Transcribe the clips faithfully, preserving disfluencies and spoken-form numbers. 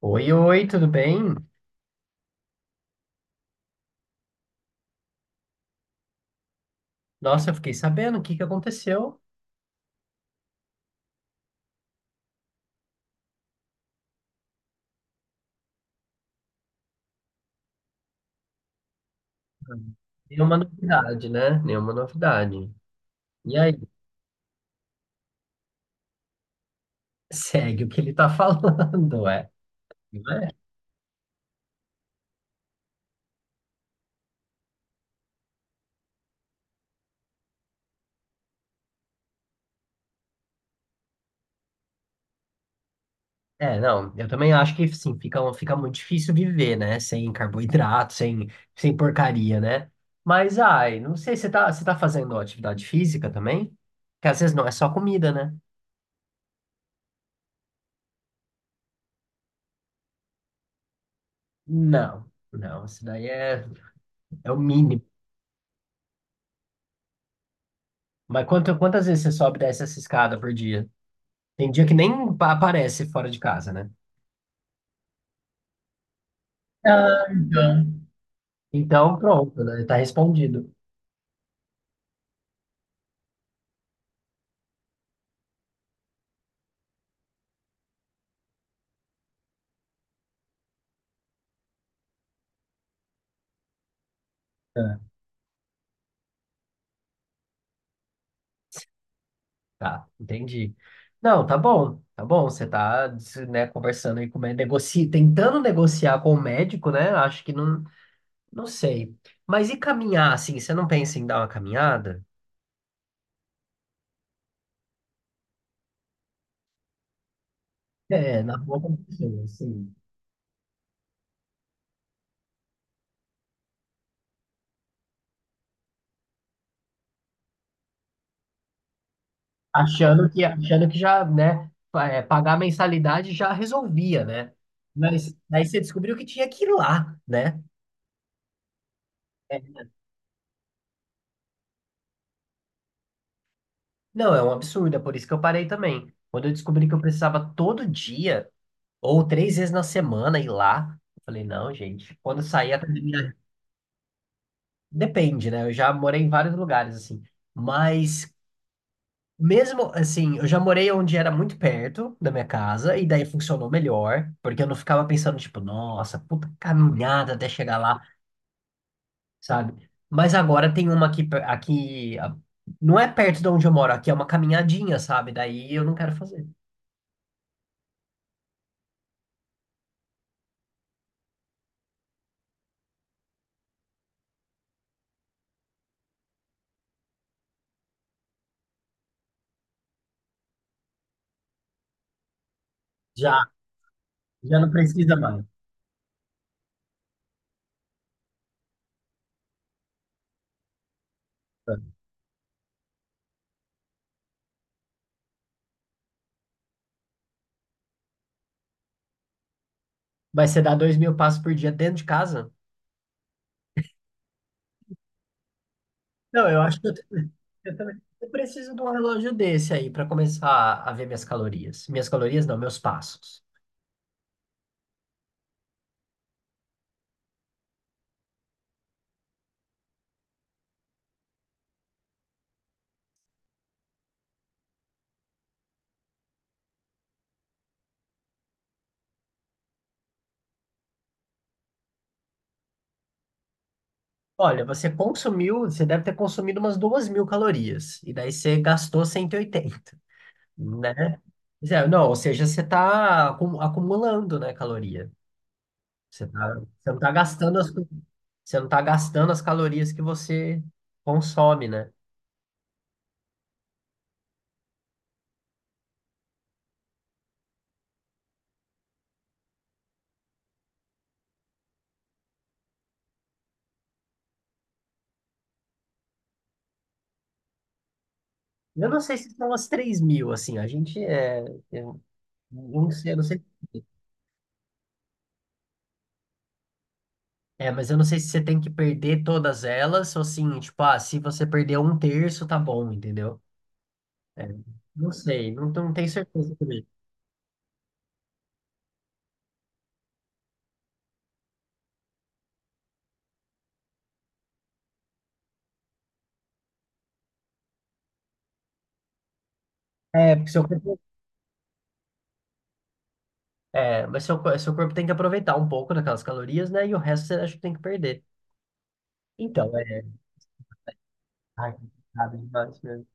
Oi, oi, tudo bem? Nossa, eu fiquei sabendo o que que aconteceu. Nenhuma novidade, né? Nenhuma novidade. E aí, segue o que ele tá falando, é. É, não, eu também acho que sim, fica, fica muito difícil viver, né? Sem carboidrato, sem, sem porcaria, né? Mas ai, não sei, você tá, você tá fazendo atividade física também? Porque às vezes não é só comida, né? Não, não, isso daí é, é o mínimo. Mas quanto, quantas vezes você sobe e desce essa escada por dia? Tem dia que nem pa- aparece fora de casa, né? Ah, então. Então, pronto, né? Tá respondido. É. Tá, entendi. Não, tá bom, tá bom. Você tá, né, conversando aí com o médico, negoci... tentando negociar com o médico, né? Acho que não, não sei. Mas e caminhar, assim? Você não pensa em dar uma caminhada? É, na boa com pessoa, assim. Achando que, achando que já, né, pa- é, pagar a mensalidade já resolvia, né? Mas aí você descobriu que tinha que ir lá, né? Não, é um absurdo, é por isso que eu parei também. Quando eu descobri que eu precisava todo dia, ou três vezes na semana, ir lá, eu falei, não, gente, quando eu sair a academia. Depende, né? Eu já morei em vários lugares, assim. Mas, mesmo assim, eu já morei onde era muito perto da minha casa, e daí funcionou melhor, porque eu não ficava pensando, tipo, nossa, puta caminhada até chegar lá, sabe? Mas agora tem uma aqui, per- aqui. a- Não é perto de onde eu moro, aqui é uma caminhadinha, sabe? Daí eu não quero fazer. Já. Já não precisa mais. Mas você dá dois mil passos por dia dentro de casa? Não, eu acho que eu, te- eu também. Eu preciso de um relógio desse aí para começar a ver minhas calorias. Minhas calorias não, meus passos. Olha, você consumiu, você deve ter consumido umas duas mil calorias. E daí você gastou cento e oitenta, né? Zé, não, ou seja, você está acumulando, né, caloria. Você tá, você não está gastando as, você não tá gastando as calorias que você consome, né? Eu não sei se são as três mil, assim, a gente é. Eu não sei, eu não sei. É, mas eu não sei se você tem que perder todas elas, ou assim, tipo, ah, se você perder um terço, tá bom, entendeu? É, não sei, não, não tenho certeza também. É, porque seu corpo, é, mas seu, co- seu corpo tem que aproveitar um pouco daquelas calorias, né? E o resto você acha que tem que perder. Então, é. Ai, complicado demais mesmo.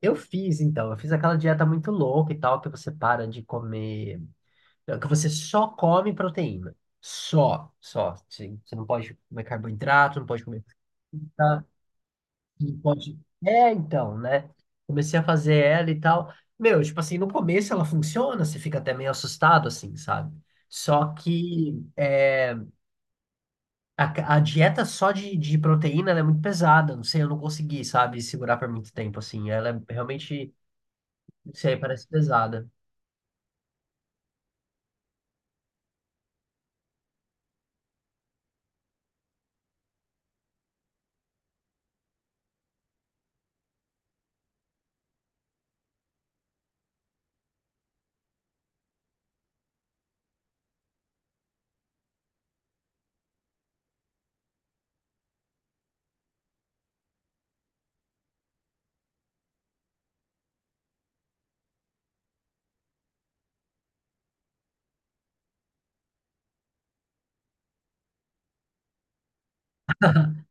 Eu fiz, então, eu fiz aquela dieta muito louca e tal, que você para de comer. Não, que você só come proteína. Só, só. Você, você não pode comer carboidrato, não pode comer fruta, não pode. É, então, né? Comecei a fazer ela e tal. Meu, tipo assim, no começo ela funciona, você fica até meio assustado, assim, sabe? Só que é, a, a dieta só de, de proteína ela é muito pesada. Não sei, eu não consegui, sabe, segurar por muito tempo, assim. Ela é realmente, não sei, parece pesada.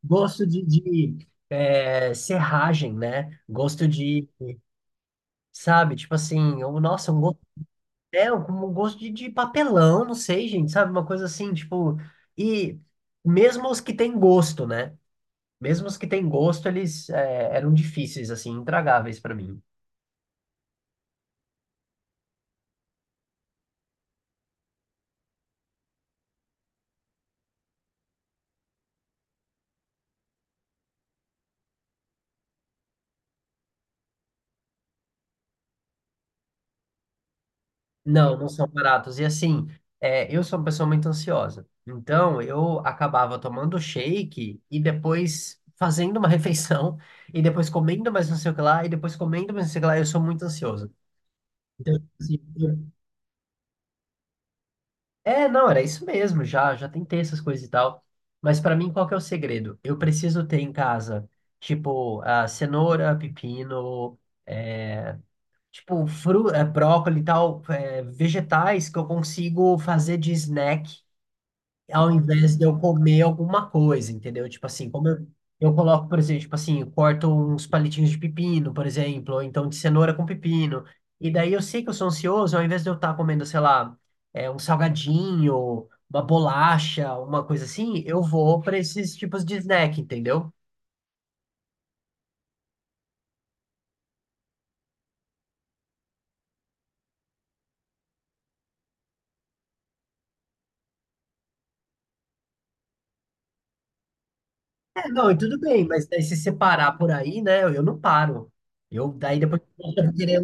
Gosto de, de é, serragem, né? Gosto de... Sabe? Tipo assim, ou, nossa, um hotel com um gosto de, de papelão, não sei, gente, sabe? Uma coisa assim, tipo. E mesmo os que têm gosto, né? Mesmo os que têm gosto, eles é, eram difíceis, assim, intragáveis pra mim. Não, não são baratos. E assim, é, eu sou uma pessoa muito ansiosa. Então, eu acabava tomando shake e depois fazendo uma refeição, e depois comendo mais não sei o que lá, e depois comendo mais não sei o que lá. Eu sou muito ansioso. Então, assim, eu... É, não, era isso mesmo, já, já tentei essas coisas e tal. Mas pra mim, qual que é o segredo? Eu preciso ter em casa, tipo, ah, cenoura, pepino, tipo, fru eh, brócolis e tal, eh, vegetais que eu consigo fazer de snack ao invés de eu comer alguma coisa, entendeu? Tipo assim, como eu, eu coloco, por exemplo, tipo assim, eu corto uns palitinhos de pepino, por exemplo, ou então de cenoura com pepino. E daí eu sei que eu sou ansioso, ao invés de eu estar comendo, sei lá, é, um salgadinho, uma bolacha, uma coisa assim, eu vou para esses tipos de snack, entendeu? É, não, e tudo bem, mas daí se separar por aí, né, eu não paro. Eu, daí depois, eu queria-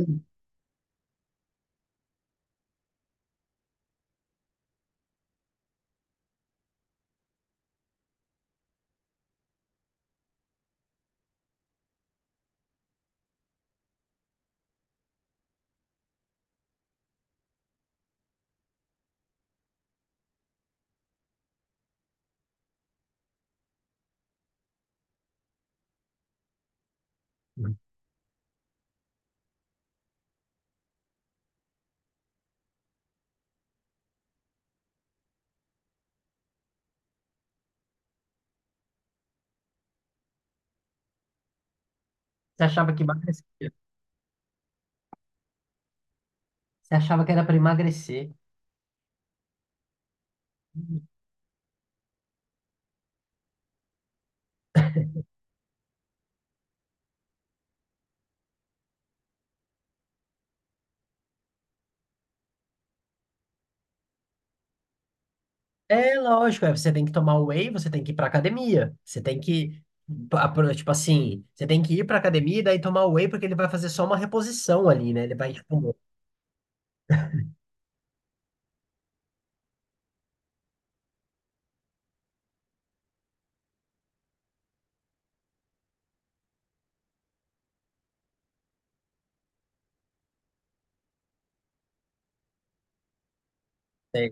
você achava que emagrecia? Você achava que era para emagrecer? É lógico, é, você tem que tomar whey, você tem que ir pra academia. Você tem que, pa- pro- tipo assim, você tem que ir pra academia e daí tomar whey porque ele vai fazer só uma reposição ali, né? Ele vai, tipo, é...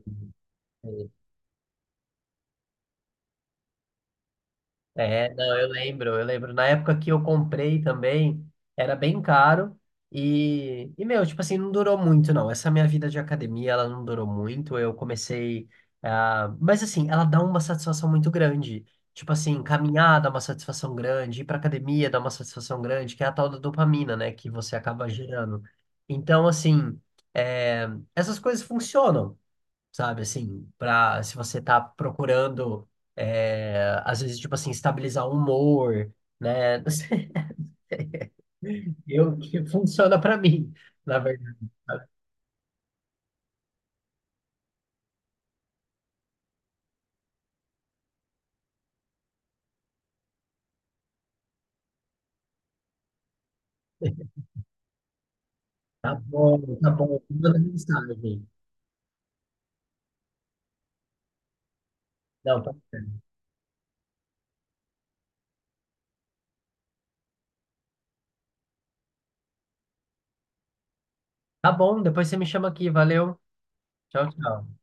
É, não, eu lembro, eu lembro. Na época que eu comprei também, era bem caro e, e meu, tipo assim, não durou muito, não. Essa minha vida de academia, ela não durou muito. Eu comecei, ah, mas assim, ela dá uma satisfação muito grande. Tipo assim, caminhar dá uma satisfação grande, ir pra academia dá uma satisfação grande, que é a tal da dopamina, né, que você acaba gerando. Então, assim, é, essas coisas funcionam, sabe? Assim, para se você tá procurando, é, às vezes, tipo assim, estabilizar o humor, né? Não sei, eu que funciona para mim, na verdade. Tá bom, tá bom, manda mensagem. Não, tá certo. Tá bom, depois você me chama aqui, valeu. Tchau, tchau.